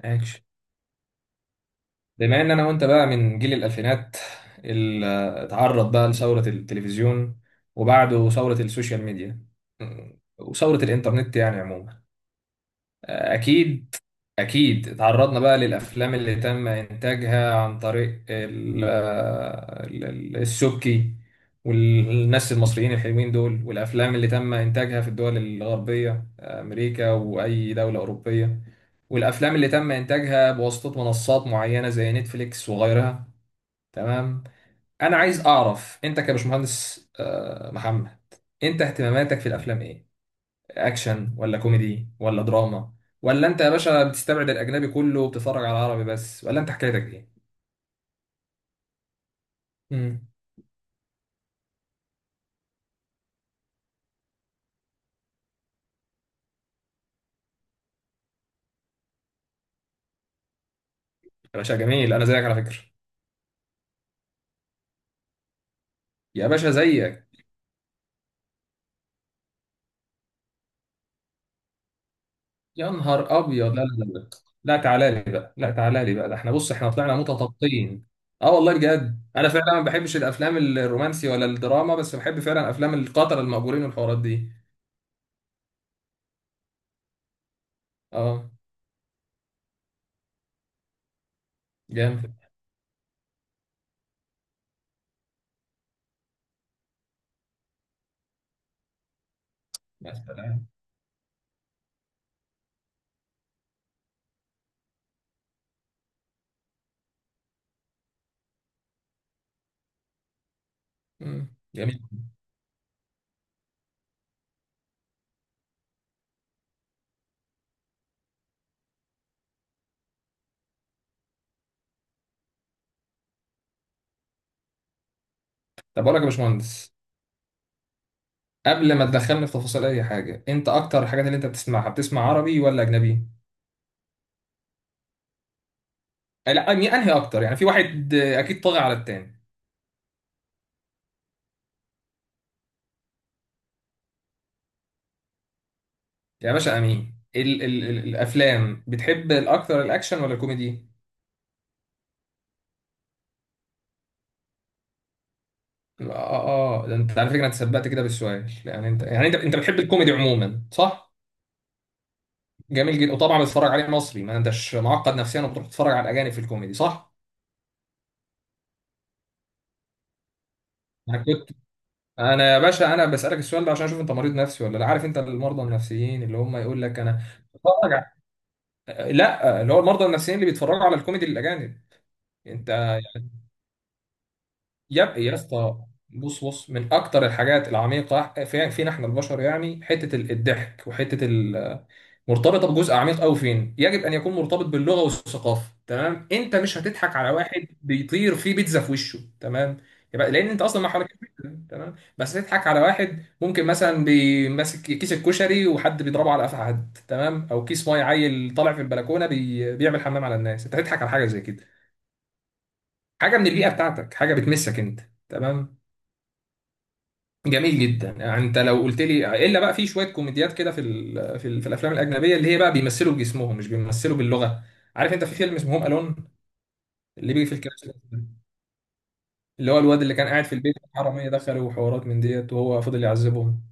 اكشن. بما ان انا وانت بقى من جيل الالفينات اللي اتعرض بقى لثوره التلفزيون، وبعده ثوره السوشيال ميديا وثوره الانترنت يعني عموما. اكيد، أكيد تعرضنا بقى للأفلام اللي تم إنتاجها عن طريق السبكي والناس المصريين الحلوين دول، والأفلام اللي تم إنتاجها في الدول الغربية، أمريكا وأي دولة أوروبية، والأفلام اللي تم إنتاجها بواسطة منصات معينة زي نتفليكس وغيرها. تمام. أنا عايز أعرف أنت كبشمهندس محمد، أنت اهتماماتك في الأفلام إيه؟ اكشن ولا كوميدي ولا دراما؟ ولا انت يا باشا بتستبعد الاجنبي كله وبتتفرج على العربي بس، ولا انت حكايتك ايه؟ امم. يا باشا جميل، انا زيك على فكره. يا باشا زيك. يا نهار ابيض، لا لا لا لا. لا تعالى لي بقى، لا تعالى لي بقى، ده احنا بص احنا طلعنا متطابقين. اه والله بجد انا فعلا ما بحبش الافلام الرومانسي ولا الدراما، بس بحب فعلا افلام القتله المأجورين والحوارات دي. اه. جامد. يا سلام. مم. جميل. طب اقول لك يا باشمهندس، قبل ما تدخلني في تفاصيل اي حاجه، انت اكتر الحاجات اللي انت بتسمعها بتسمع عربي ولا اجنبي؟ أي- لا أني- انهي اكتر يعني؟ في واحد اكيد طاغي على التاني. يا باشا امين، ال ال ال الافلام بتحب الاكتر الاكشن ولا الكوميدي؟ اه، اه، ده انت على فكره انت سبقت كده بالسؤال. يعني انت، يعني انت بتحب الكوميدي عموما صح؟ جميل جدا. وطبعا بتتفرج عليه مصري ما انتش معقد نفسيا وبتروح تتفرج على الاجانب في الكوميدي صح؟ انا كنت، انا يا باشا انا بسالك السؤال ده عشان اشوف انت مريض نفسي ولا لا. عارف انت المرضى النفسيين اللي هم يقول لك انا، لا اللي هو المرضى النفسيين اللي بيتفرجوا على الكوميدي الاجانب. انت يا اسطى، بص بص، من اكتر الحاجات العميقه في فينا احنا البشر يعني حته الضحك وحته ال-، مرتبطه بجزء عميق قوي، فين يجب ان يكون مرتبط باللغه والثقافه. تمام؟ انت مش هتضحك على واحد بيطير فيه بيتزا في وشه، تمام؟ يبقى لان انت اصلا ما حواليك بيتزا، تمام، بس تضحك على واحد ممكن مثلا بيمسك كيس الكشري وحد بيضربه على قفا حد، تمام، او كيس ميه عيل طالع في البلكونه بيعمل حمام على الناس، انت هتضحك على حاجه زي كده. حاجه من البيئه بتاعتك، حاجه بتمسك انت. تمام. جميل جدا. يعني انت لو قلت لي الا بقى في شويه كوميديات كده في الافلام الاجنبيه اللي هي بقى بيمثلوا بجسمهم مش بيمثلوا باللغه، عارف انت في فيلم اسمه هوم الون اللي بيجي في الكلاس ده، اللي هو الواد اللي كان قاعد في البيت الحراميه دخلوا وحوارات من ديت وهو فضل يعذبهم.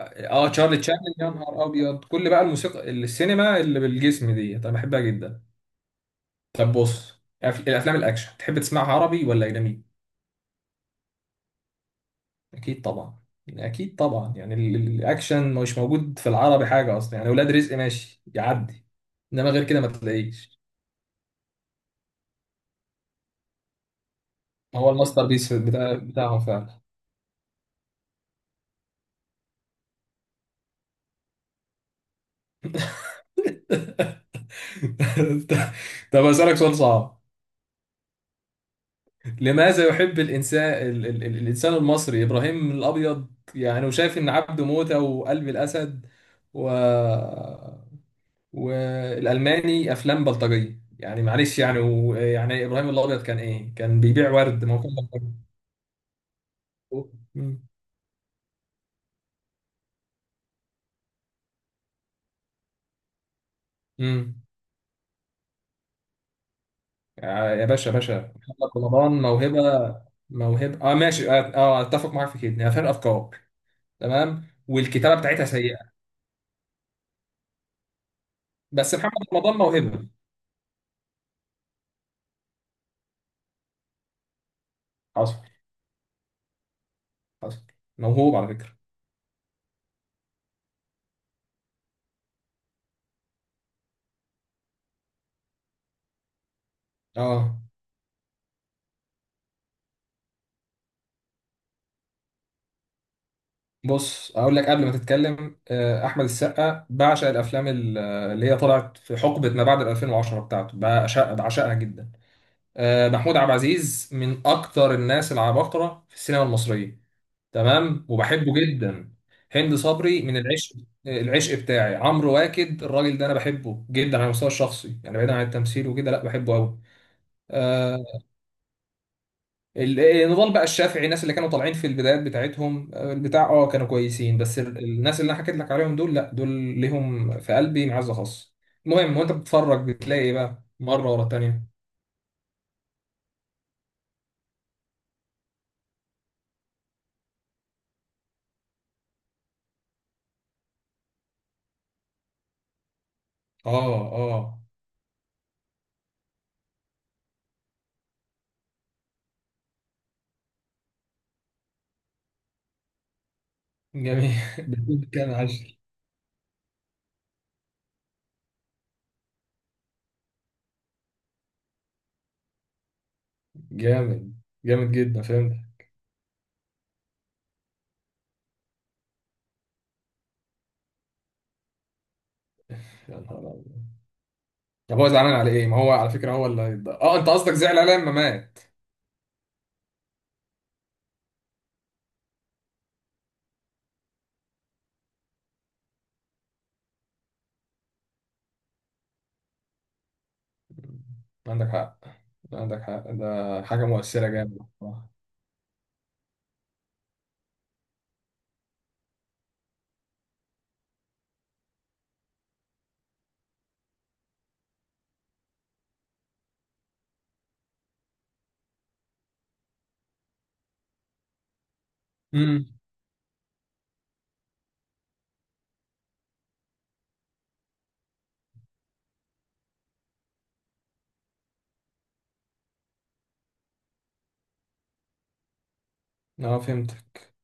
اه، تشارلي تشابلن، يا نهار ابيض. كل بقى الموسيقى السينما اللي بالجسم ديت انا بحبها جدا. طب بص، الافلام الاكشن تحب تسمعها عربي ولا اجنبي؟ اكيد طبعا. يعني اكيد طبعا، يعني الاكشن مش موجود في العربي حاجه اصلا يعني، ولاد رزق ماشي يعدي، انما غير كده ما تلاقيش. هو الماستر بيس بتاعهم فعلا. طب اسالك سؤال صعب. لماذا يحب الانسان ال ال ال الانسان المصري ابراهيم الابيض؟ يعني وشايف ان عبده موته وقلب الاسد و، والالماني افلام بلطجيه يعني، معلش يعني يعني ابراهيم الابيض كان ايه؟ كان بيبيع ورد؟ ما هو كان بلطجي. مم. مم. يا باشا يا باشا، محمد رمضان موهبه. موهبه اه، ماشي، اه، اتفق معاك في كده، هي فرق افكار تمام، والكتابه بتاعتها سيئه. بس محمد رمضان موهبه. حصل. حصل. موهوب على فكره. اه. بص اقول لك قبل ما تتكلم، احمد السقا بعشق الافلام اللي هي طلعت في حقبه ما بعد 2010 بتاعته، بعشق بعشقها جدا. محمود عبد العزيز من اكتر الناس العباقره في السينما المصريه، تمام، وبحبه جدا. هند صبري من العشق. العشق بتاعي عمرو واكد، الراجل ده انا بحبه جدا على المستوى الشخصي يعني، بعيدا عن التمثيل وكده، لا بحبه قوي. آه. ال- نضال بقى الشافعي، الناس اللي كانوا طالعين في البدايات بتاعتهم آه، البتاع اه كانوا كويسين، بس الناس اللي انا حكيت لك عليهم دول، لا دول ليهم في قلبي معزه خاصه. المهم، وانت بتتفرج بتلاقي ايه بقى مره ورا التانيه؟ اه. اه. جميل. بتقول كام عشر. جامد، جامد جدا، فهمت. يا نهار أبيض. طب هو زعلان على ايه؟ ما هو على فكره هو اللي انت قصدك زعل عليه لما مات؟ عندك حق، عندك حق، ده حاجه مؤثره جامد. امم. اه، فهمتك.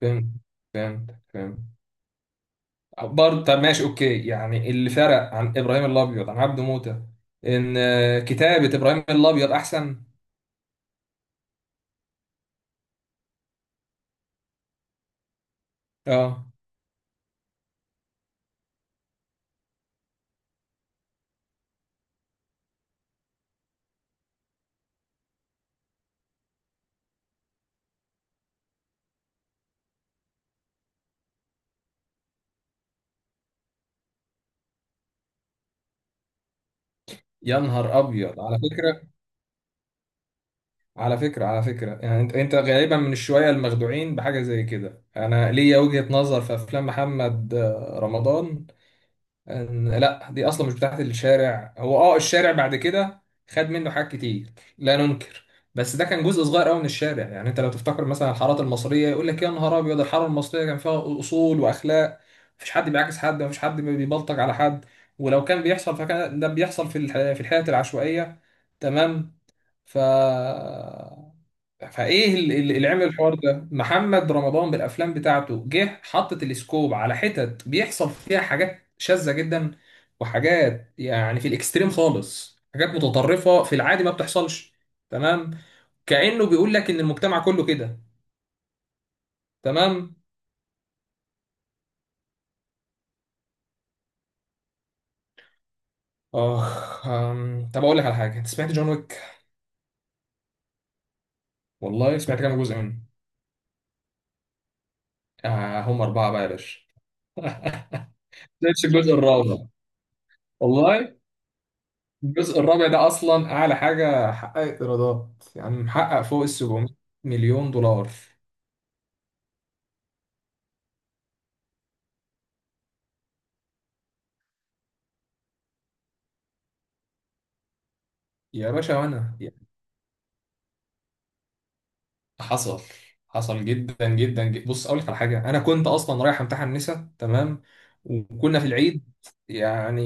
فهمت، فهمت، فهمت. برضه. طب ماشي، اوكي، يعني اللي فرق عن ابراهيم الابيض عن عبده موته، ان كتابه ابراهيم الابيض احسن. اه. يا نهار ابيض على فكره. على فكره، على فكره، يعني انت غالبا من الشويه المخدوعين بحاجه زي كده. انا ليا وجهه نظر في افلام محمد رمضان. أن- لا دي اصلا مش بتاعت الشارع، هو اه الشارع بعد كده خد منه حاجات كتير، لا ننكر، بس ده كان جزء صغير قوي من الشارع. يعني انت لو تفتكر مثلا الحارات المصريه يقول لك يا نهار ابيض، الحاره المصريه كان فيها اصول واخلاق، مفيش حد بيعاكس حد، مفيش حد بيبلطج على حد، ولو كان بيحصل فكان ده بيحصل في الحياه العشوائيه. تمام. ف فايه اللي عمل الحوار ده محمد رمضان بالافلام بتاعته، جه حطت السكوب على حتت بيحصل فيها حاجات شاذة جدا، وحاجات يعني في الاكستريم خالص، حاجات متطرفة في العادي ما بتحصلش. تمام. كأنه بيقول لك ان المجتمع كله كده. تمام. اخ، طب اقول لك على حاجة، انت سمعت جون ويك؟ والله سمعت كام جزء منه؟ آه هم أربعة بقى يا باشا. شايفش الجزء الرابع؟ والله الجزء الرابع ده اصلا اعلى حاجه حققت ايرادات، يعني محقق فوق ال 700 مليون دولار. يا باشا وانا يعني. حصل، حصل جدا جدا جدا. بص اقول لك على حاجه، انا كنت اصلا رايح امتحن نسا تمام، وكنا في العيد يعني،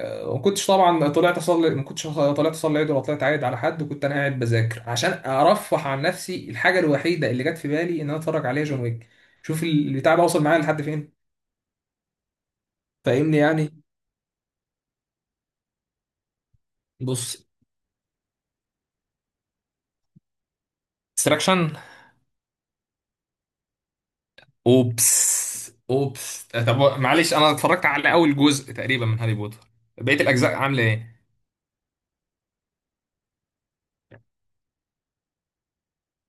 ما كنتش طبعا طلعت اصلي، ما كنتش طلعت اصلي العيد ولا طلعت عايد على حد، وكنت انا قاعد بذاكر عشان ارفه عن نفسي، الحاجه الوحيده اللي جت في بالي ان انا اتفرج عليها جون ويك. شوف البتاع ده وصل معايا لحد فين، فاهمني يعني. بص، ديستراكشن. اوبس، اوبس. طب معلش انا اتفرجت على اول جزء تقريبا من هاري بوتر، بقيه الاجزاء عامله ايه؟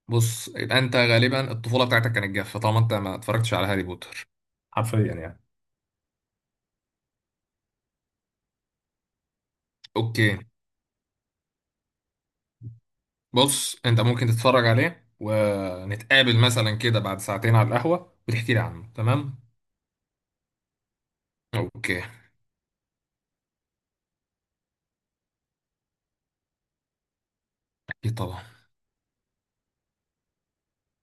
بص، يبقى انت غالبا الطفوله بتاعتك كانت جافه طالما انت ما اتفرجتش على هاري بوتر، حرفيا يعني. اوكي. بص انت ممكن تتفرج عليه ونتقابل مثلا كده بعد ساعتين على القهوه وتحكي لي عنه، تمام؟ اوكي. اكيد طبعا.